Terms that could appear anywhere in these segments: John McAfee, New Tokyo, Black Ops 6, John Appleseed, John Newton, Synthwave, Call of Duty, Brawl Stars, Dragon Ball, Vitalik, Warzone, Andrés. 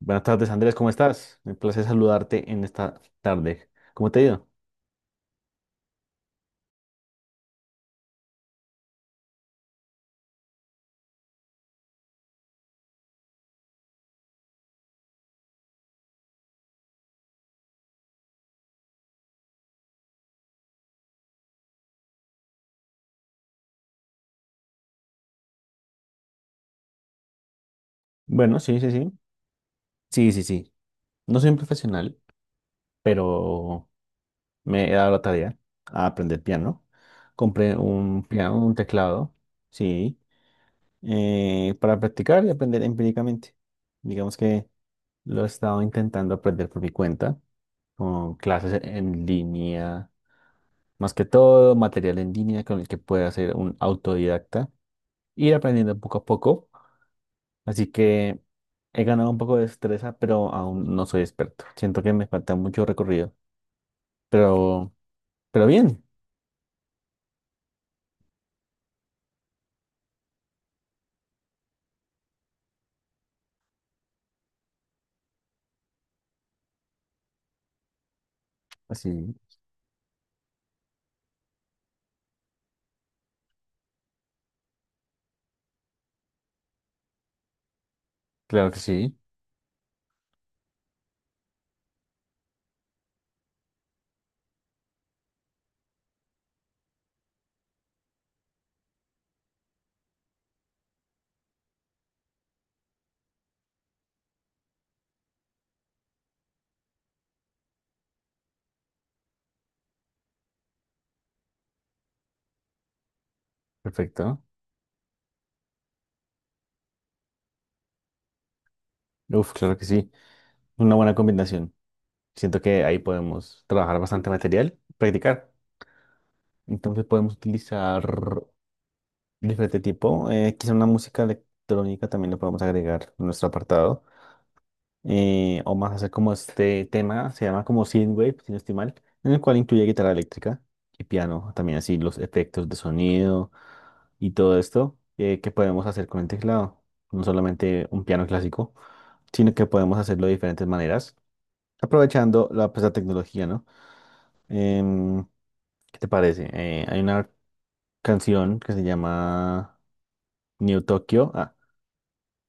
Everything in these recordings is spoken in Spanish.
Buenas tardes, Andrés, ¿cómo estás? Un placer saludarte en esta tarde. ¿Cómo te ha ido? Bueno, sí, sí, sí. Sí, sí, sí. No soy un profesional, pero me he dado la tarea a aprender piano. Compré un piano, un teclado, sí, para practicar y aprender empíricamente. Digamos que lo he estado intentando aprender por mi cuenta, con clases en línea, más que todo, material en línea con el que pueda ser un autodidacta, ir aprendiendo poco a poco. Así que he ganado un poco de destreza, pero aún no soy experto. Siento que me falta mucho recorrido. Pero, pero bien. Así, claro que sí. Perfecto. Uf, claro que sí. Una buena combinación. Siento que ahí podemos trabajar bastante material, practicar. Entonces podemos utilizar diferente tipo. Quizá una música electrónica también lo podemos agregar en nuestro apartado, o más hacer como este tema, se llama como Synthwave, si no estoy mal, en el cual incluye guitarra eléctrica y piano, también así los efectos de sonido y todo esto, que podemos hacer con el teclado, no solamente un piano clásico, sino que podemos hacerlo de diferentes maneras, aprovechando la, pues, la tecnología, ¿no? Em, ¿Qué te parece? Hay una canción que se llama New Tokyo, ah,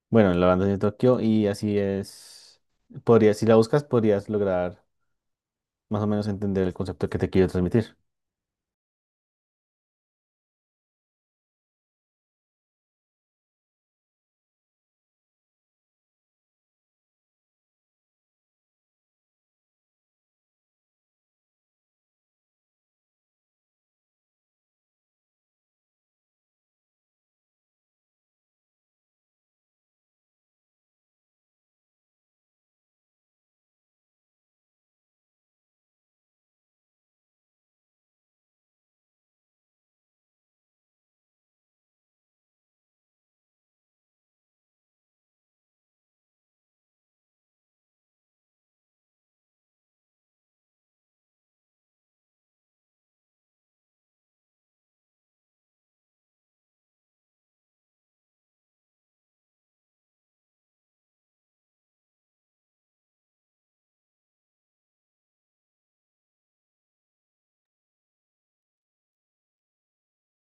bueno, la banda es New Tokyo y así es, podrías, si la buscas, podrías lograr más o menos entender el concepto que te quiero transmitir.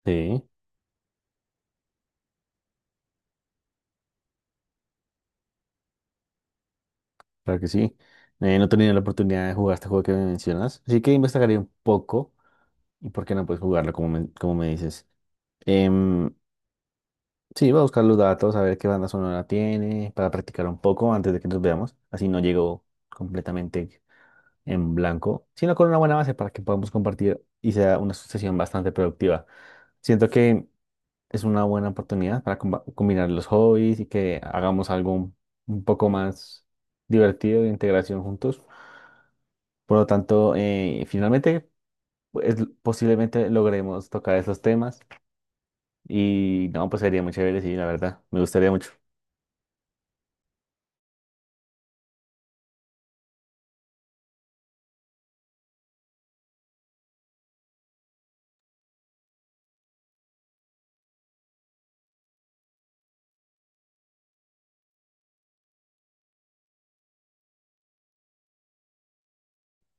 Sí, claro que sí. No he tenido la oportunidad de jugar este juego que me mencionas, así que investigaré un poco y por qué no puedes jugarlo, como me dices. Em, sí, voy a buscar los datos, a ver qué banda sonora tiene, para practicar un poco antes de que nos veamos. Así no llego completamente en blanco, sino con una buena base para que podamos compartir y sea una sesión bastante productiva. Siento que es una buena oportunidad para combinar los hobbies y que hagamos algo un poco más divertido de integración juntos. Por lo tanto, finalmente, pues, posiblemente logremos tocar esos temas y no, pues sería muy chévere, sí, la verdad, me gustaría mucho.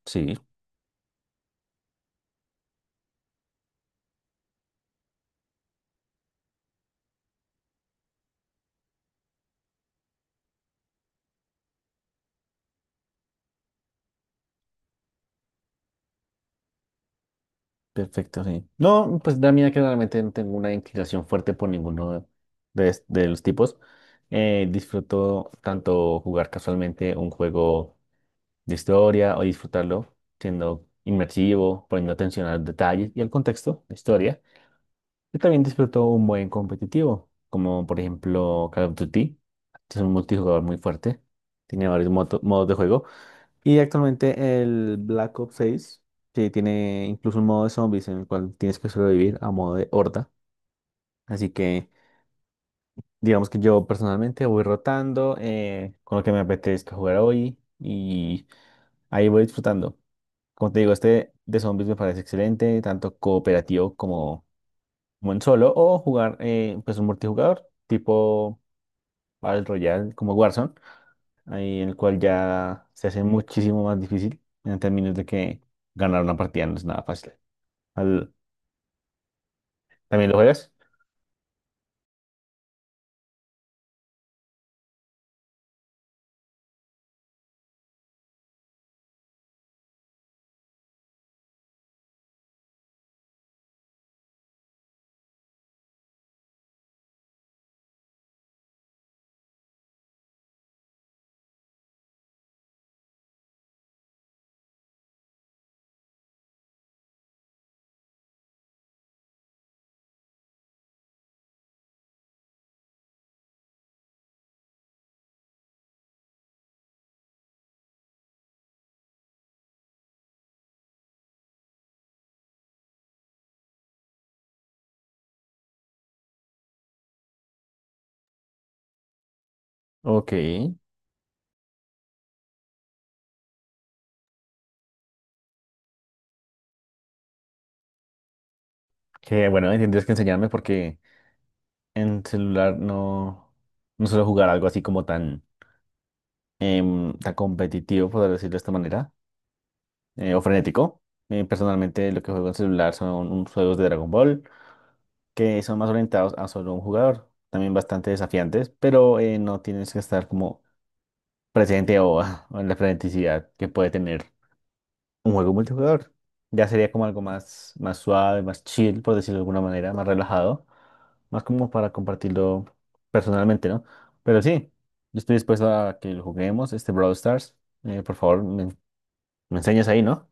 Sí, perfecto, sí. No, pues da mira que realmente no tengo una inclinación fuerte por ninguno de los tipos. Disfruto tanto jugar casualmente un juego de historia o disfrutarlo siendo inmersivo, poniendo atención a los detalles y al contexto de historia. Yo también disfruto un buen competitivo, como por ejemplo Call of Duty, que es un multijugador muy fuerte, tiene varios modos de juego. Y actualmente el Black Ops 6, que tiene incluso un modo de zombies en el cual tienes que sobrevivir a modo de horda. Así que digamos que yo personalmente voy rotando, con lo que me apetezca jugar hoy, y ahí voy disfrutando. Como te digo, este de zombies me parece excelente, tanto cooperativo como, como en solo, o jugar, pues un multijugador tipo Battle Royale como Warzone, ahí en el cual ya se hace muchísimo más difícil en términos de que ganar una partida no es nada fácil. Al- ¿También lo juegas? Ok, que bueno, ahí tendrías que enseñarme porque en celular no, no suelo jugar algo así como tan, tan competitivo, por decirlo de esta manera, o frenético. Personalmente lo que juego en celular son unos juegos de Dragon Ball que son más orientados a solo un jugador, también bastante desafiantes, pero, no tienes que estar como presente o, o en la freneticidad que puede tener un juego multijugador. Ya sería como algo más, más suave, más chill, por decirlo de alguna manera, más relajado, más como para compartirlo personalmente, ¿no? Pero sí, yo estoy dispuesto a que lo juguemos, este Brawl Stars. Por favor, me enseñas ahí, ¿no?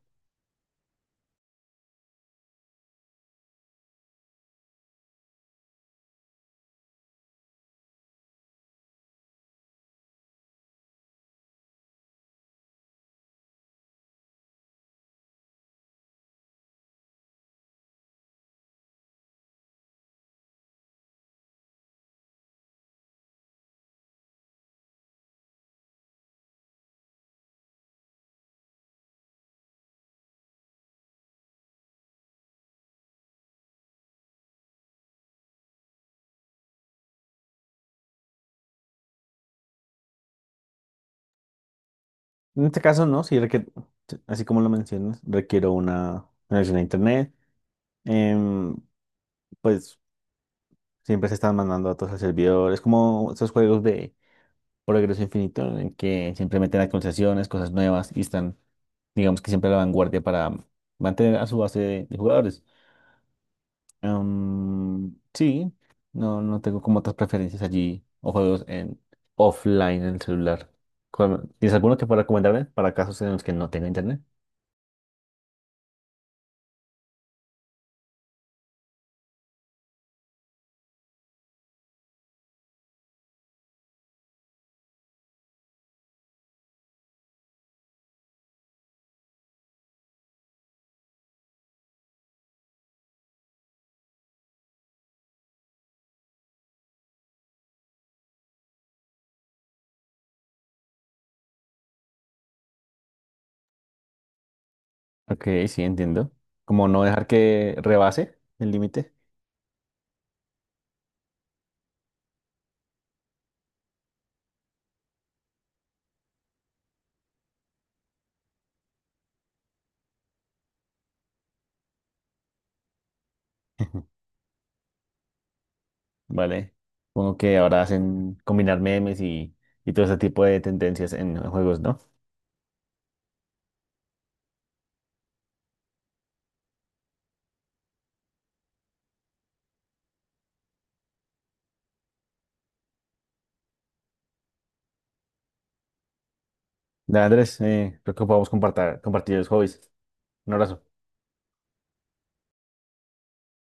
En este caso, no, sí requiere, así como lo mencionas, requiero una conexión a internet. Em, pues siempre se están mandando datos al servidor. Es como esos juegos de progreso infinito en que siempre meten actualizaciones, cosas nuevas y están, digamos que siempre a la vanguardia para mantener a su base de jugadores. Sí, no, no tengo como otras preferencias allí o juegos en offline en el celular. ¿Cuál- ¿Tienes alguno que pueda recomendarme para casos en los que no tenga internet? Ok, sí, entiendo. Como no dejar que rebase el límite. Vale. Supongo que ahora hacen combinar memes y todo ese tipo de tendencias en juegos, ¿no? Dale, Andrés, creo que podemos compartir, compartir los hobbies. Un abrazo.